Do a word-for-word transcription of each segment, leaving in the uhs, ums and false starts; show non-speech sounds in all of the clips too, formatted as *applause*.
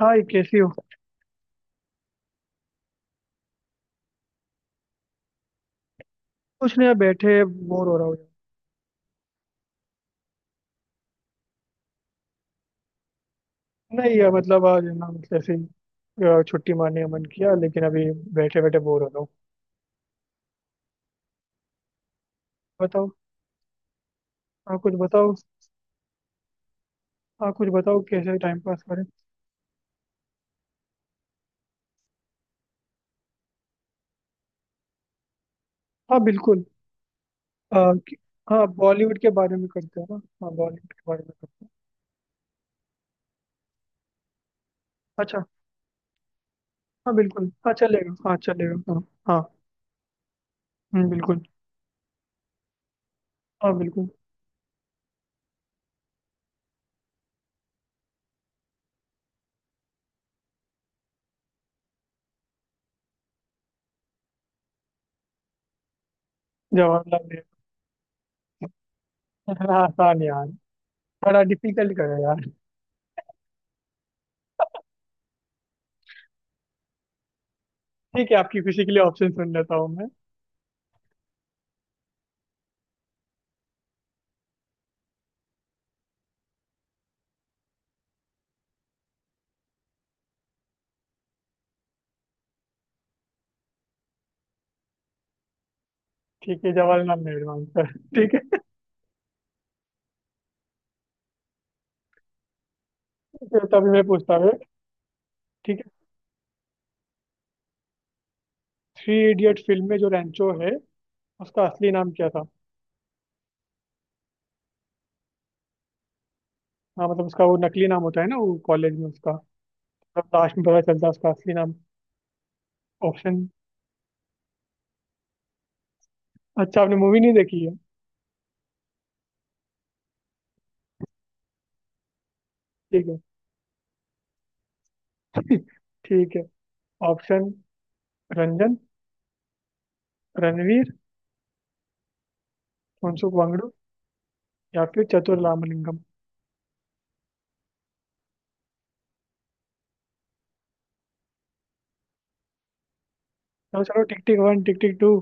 हाय, कैसी हो? कुछ नहीं यार, बैठे बोर हो रहा हूँ यार। नहीं यार, मतलब आज है ना, मतलब ऐसे ही अ, छुट्टी मारने का मन किया, लेकिन अभी बैठे बैठे बोर हो रहा हूँ। बताओ। हाँ, कुछ बताओ। हाँ, कुछ बताओ, कैसे टाइम पास करें। हाँ बिल्कुल। अ, कि- हाँ, बॉलीवुड के बारे में करते हैं ना। हाँ, बॉलीवुड के बारे में करते हैं। अच्छा। हाँ बिल्कुल, हाँ चलेगा, हाँ चलेगा, हाँ। हाँ। हम्म, बिल्कुल। हाँ बिल्कुल। जवाहरलाल नेहरू। *laughs* हाँ, आसान यार। थोड़ा डिफिकल्ट करो यार। ठीक है, आपकी खुशी के लिए ऑप्शन सुन लेता हूँ। ठीक है, जवाहरलाल नेहरू आंसर। ठीक है, तो तभी मैं पूछता हूँ। ठीक है। थ्री इडियट फिल्म में जो रैंचो है, उसका असली नाम क्या था? हाँ मतलब, उसका वो नकली नाम होता है ना, वो कॉलेज में उसका। लास्ट में पता चलता है उसका असली नाम। ऑप्शन? अच्छा, आपने मूवी नहीं देखी है। ठीक है। *laughs* ठीक है। ऑप्शन। रंजन, रणवीर, फुनसुक वांगडू या फिर चतुर रामलिंगम। चलो चलो, tick tick one, tick tick two.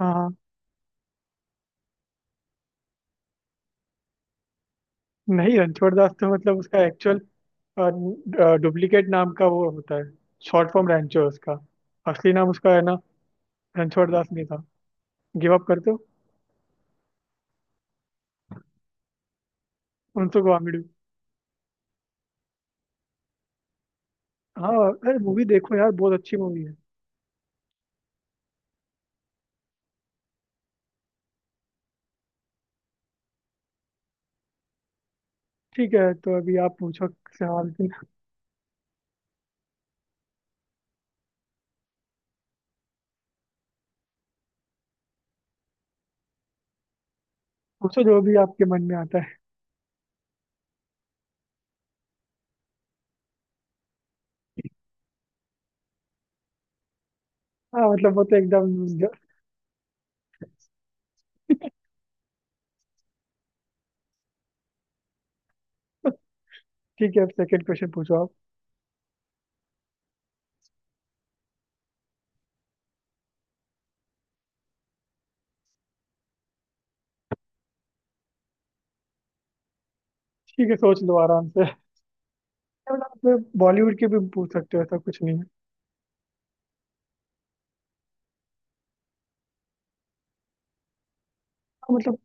हाँ हाँ। नहीं, रणछोड़ दास तो मतलब उसका एक्चुअल, डुप्लीकेट नाम का वो होता है। शॉर्ट फॉर्म रैंचो है उसका। असली नाम उसका है ना, रणछोड़ दास नहीं था। गिव अप कर दो। उनसुक वामिडू। हाँ, अरे मूवी देखो यार, बहुत अच्छी मूवी है। ठीक है, तो अभी आप पूछो सवाल फिर। पूछो जो भी आपके मन में आता है। हाँ मतलब वो तो एकदम। ठीक है, अब सेकंड क्वेश्चन पूछो आप। ठीक है, सोच लो आराम से। मतलब बॉलीवुड के भी पूछ सकते हो, ऐसा कुछ नहीं है। हाँ, मतलब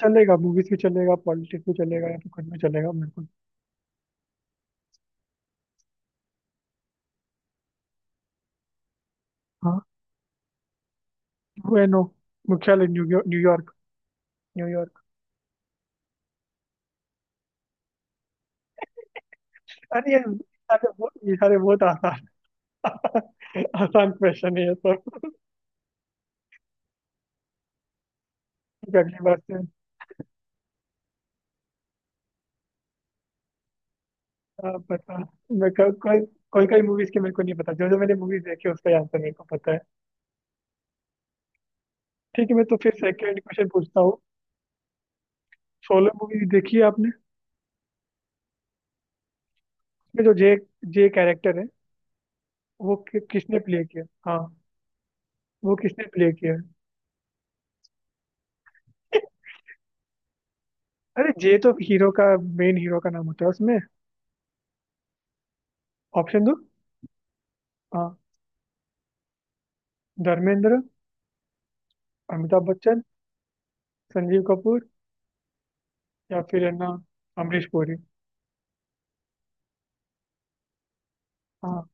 चलेगा, मूवीज भी चलेगा, पॉलिटिक्स भी चलेगा या फिर कुछ भी चलेगा बिल्कुल। हाँ। बुएनो। मुख्यालय न्यूयॉर्क, न्यूयॉर्क, न्यूयॉर्क। अरे ये, अरे वो ये सारे बहुत आसान। *laughs* आसान क्वेश्चन है ये सब। ठीक है, अगली बार से। आप बता, मैं को, कोई कोई कोई मूवीज के मेरे को नहीं पता, जो जो मैंने मूवीज देखी है, उसका आंसर मेरे को पता है। ठीक है, मैं तो फिर सेकंड क्वेश्चन पूछता हूँ। सोलो मूवी देखी है आपने? उसमें जो जे जे कैरेक्टर है, वो कि, किसने प्ले किया? हाँ, वो किसने प्ले किया है? अरे, जे तो हीरो का, मेन हीरो का नाम होता है उसमें। ऑप्शन दो। हाँ, धर्मेंद्र, अमिताभ बच्चन, संजीव कपूर या फिर है ना, अमरीश पुरी। हाँ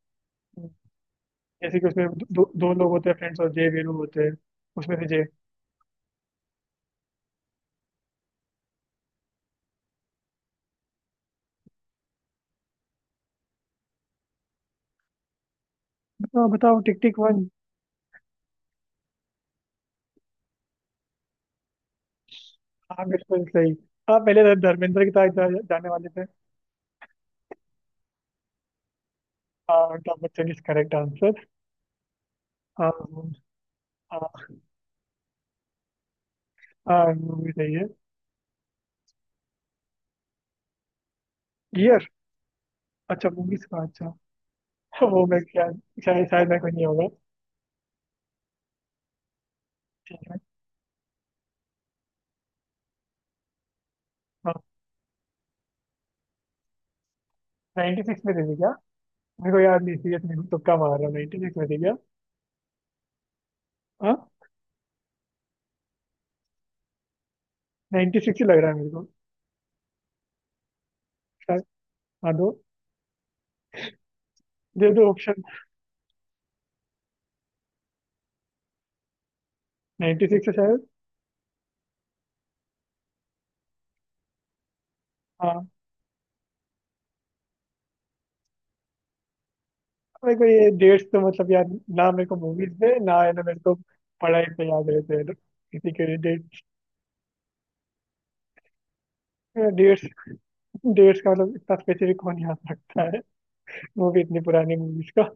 जैसे कि उसमें दो, दो लोग होते हैं, फ्रेंड्स, और जय वीरू होते हैं, उसमें से जय। बताओ बताओ, टिक टिक वन। हाँ बिल्कुल सही। आप पहले तो धर्मेंद्र की तरफ जा, जाने वाले थे। हाँ, Amitabh Bachchan is correct answer. हाँ हाँ। हाँ, मूवी सही है। ईयर? अच्छा, मूवीज का, अच्छा। *laughs* वो मैं क्या? शायद शायद मैं कोई नहीं होगा। ठीक है। हाँ, छियानवे में दे दी क्या? मेरे को याद नहीं, सीरियस, मेरे को तुक्का मार रहा हूँ, छियानवे में दे दिया। हाँ। छियानवे ही लग रहा है मेरे को। शायद। हाँ दो, दे दो ऑप्शन। नाइनटी सिक्स है शायद। हाँ। मेरे को ये डेट्स तो मतलब यार, ना मेरे को मूवीज पे, ना है ना मेरे को पढ़ाई पे याद रहते हैं किसी के डेट्स। डेट्स डेट्स का मतलब इतना स्पेसिफिक कौन याद रखता है? वो भी इतनी पुरानी मूवीज का।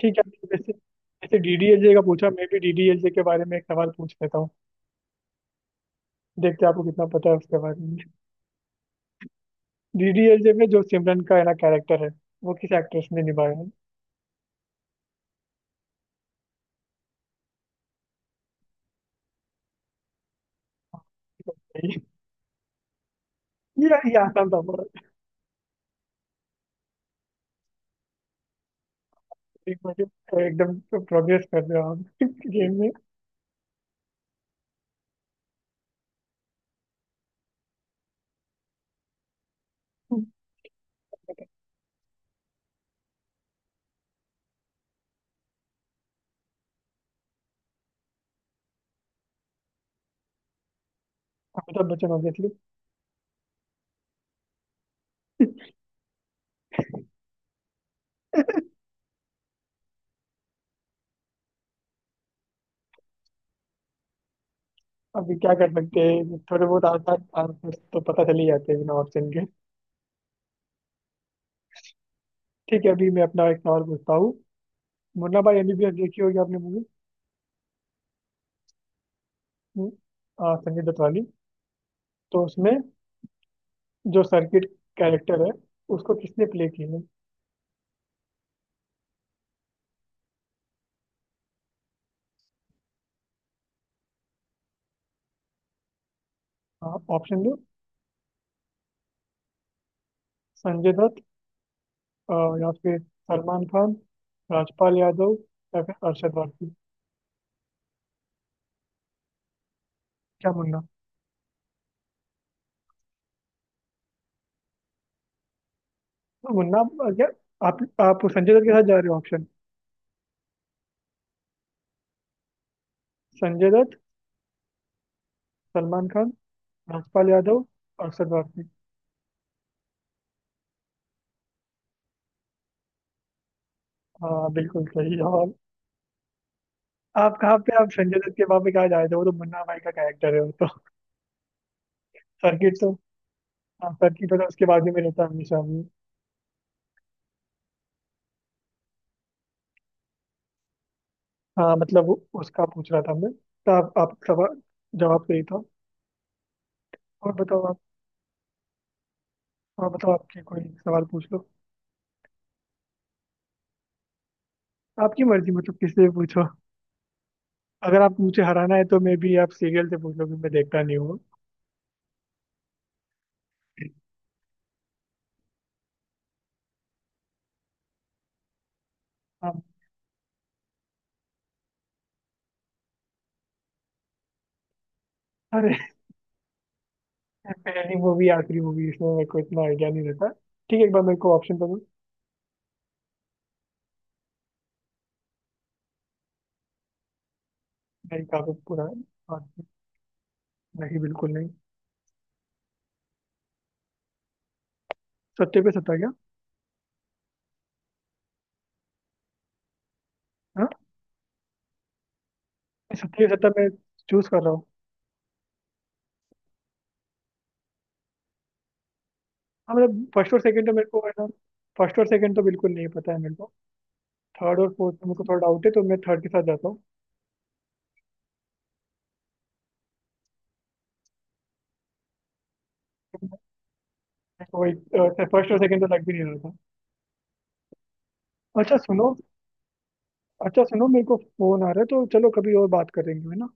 ठीक है, जैसे जैसे डी डी एल जे का पूछा, मैं भी डी डी एल जे के बारे में एक सवाल पूछ लेता हूँ। देखते हैं आपको कितना पता है उसके बारे में। डी डी एल जे में जो सिमरन का है ना कैरेक्टर है, वो किस एक्ट्रेस ने निभाया है? *laughs* ये ये आसान था बहुत। एक बार एकदम प्रोग्रेस कर रहे हो आप *laughs* गेम में। अमिताभ बच्चन ऑब्वियसली। अभी क्या कर सकते हैं, थोड़े बहुत आसान आंसर तो पता चल ही जाते हैं बिना ऑप्शन के। ठीक है, अभी मैं अपना एक सवाल पूछता हूँ। मुन्ना भाई एम बी बी एस देखी होगी आपने मूवी। संजय दत्त वाली। तो उसमें जो सर्किट कैरेक्टर है, उसको किसने प्ले किया है? ऑप्शन दो। संजय दत्त, अ, या फिर सलमान खान, राजपाल यादव या फिर अरशद वारसी। क्या मुन्ना? तो मुन्ना क्या, आप आप संजय दत्त के साथ जा रहे हो? ऑप्शन। संजय दत्त, सलमान खान, राजपाल यादव, अक्षर भारती। हाँ बिल्कुल सही जवाब। आप कहाँ पे, आप संजय दत्त के पापा कहाँ जाए थे? वो तो मुन्ना भाई का कैरेक्टर है वो तो। सर्किट तो। हाँ, सर्किट होता है, उसके बाजू में रहता है हमेशा वो। हाँ मतलब वो- उसका पूछ रहा था मैं तो। आप आप सवाल। जवाब सही था। और बताओ आप। हाँ बताओ, आपके कोई सवाल पूछ लो। आपकी मर्जी, मतलब किससे भी पूछो। अगर आप मुझे हराना है, तो मैं भी आप सीरियल से पूछ लो, क्योंकि मैं देखता नहीं हूँ। हाँ। अरे *laughs* पहली मूवी, आखिरी मूवी, इसमें मेरे को इतना आइडिया नहीं रहता। ठीक है, एक बार मेरे को ऑप्शन दो। नहीं, काफी पुराना। नहीं, बिल्कुल नहीं। सत्ते पे सत्ता, क्या? हाँ, सत्ते पे सत्ता मैं चूज कर रहा हूँ। हाँ मतलब, फर्स्ट और सेकंड तो मेरे को है ना। फर्स्ट और सेकंड तो बिल्कुल नहीं पता है मेरे को। थर्ड और फोर्थ में मेरे को थोड़ा डाउट है, तो मैं थर्ड के साथ जाता हूँ। तो वही, फर्स्ट और सेकंड तो लग भी नहीं रहा था। अच्छा सुनो। अच्छा सुनो, मेरे को फोन आ रहा है, तो चलो कभी और बात करेंगे, है ना?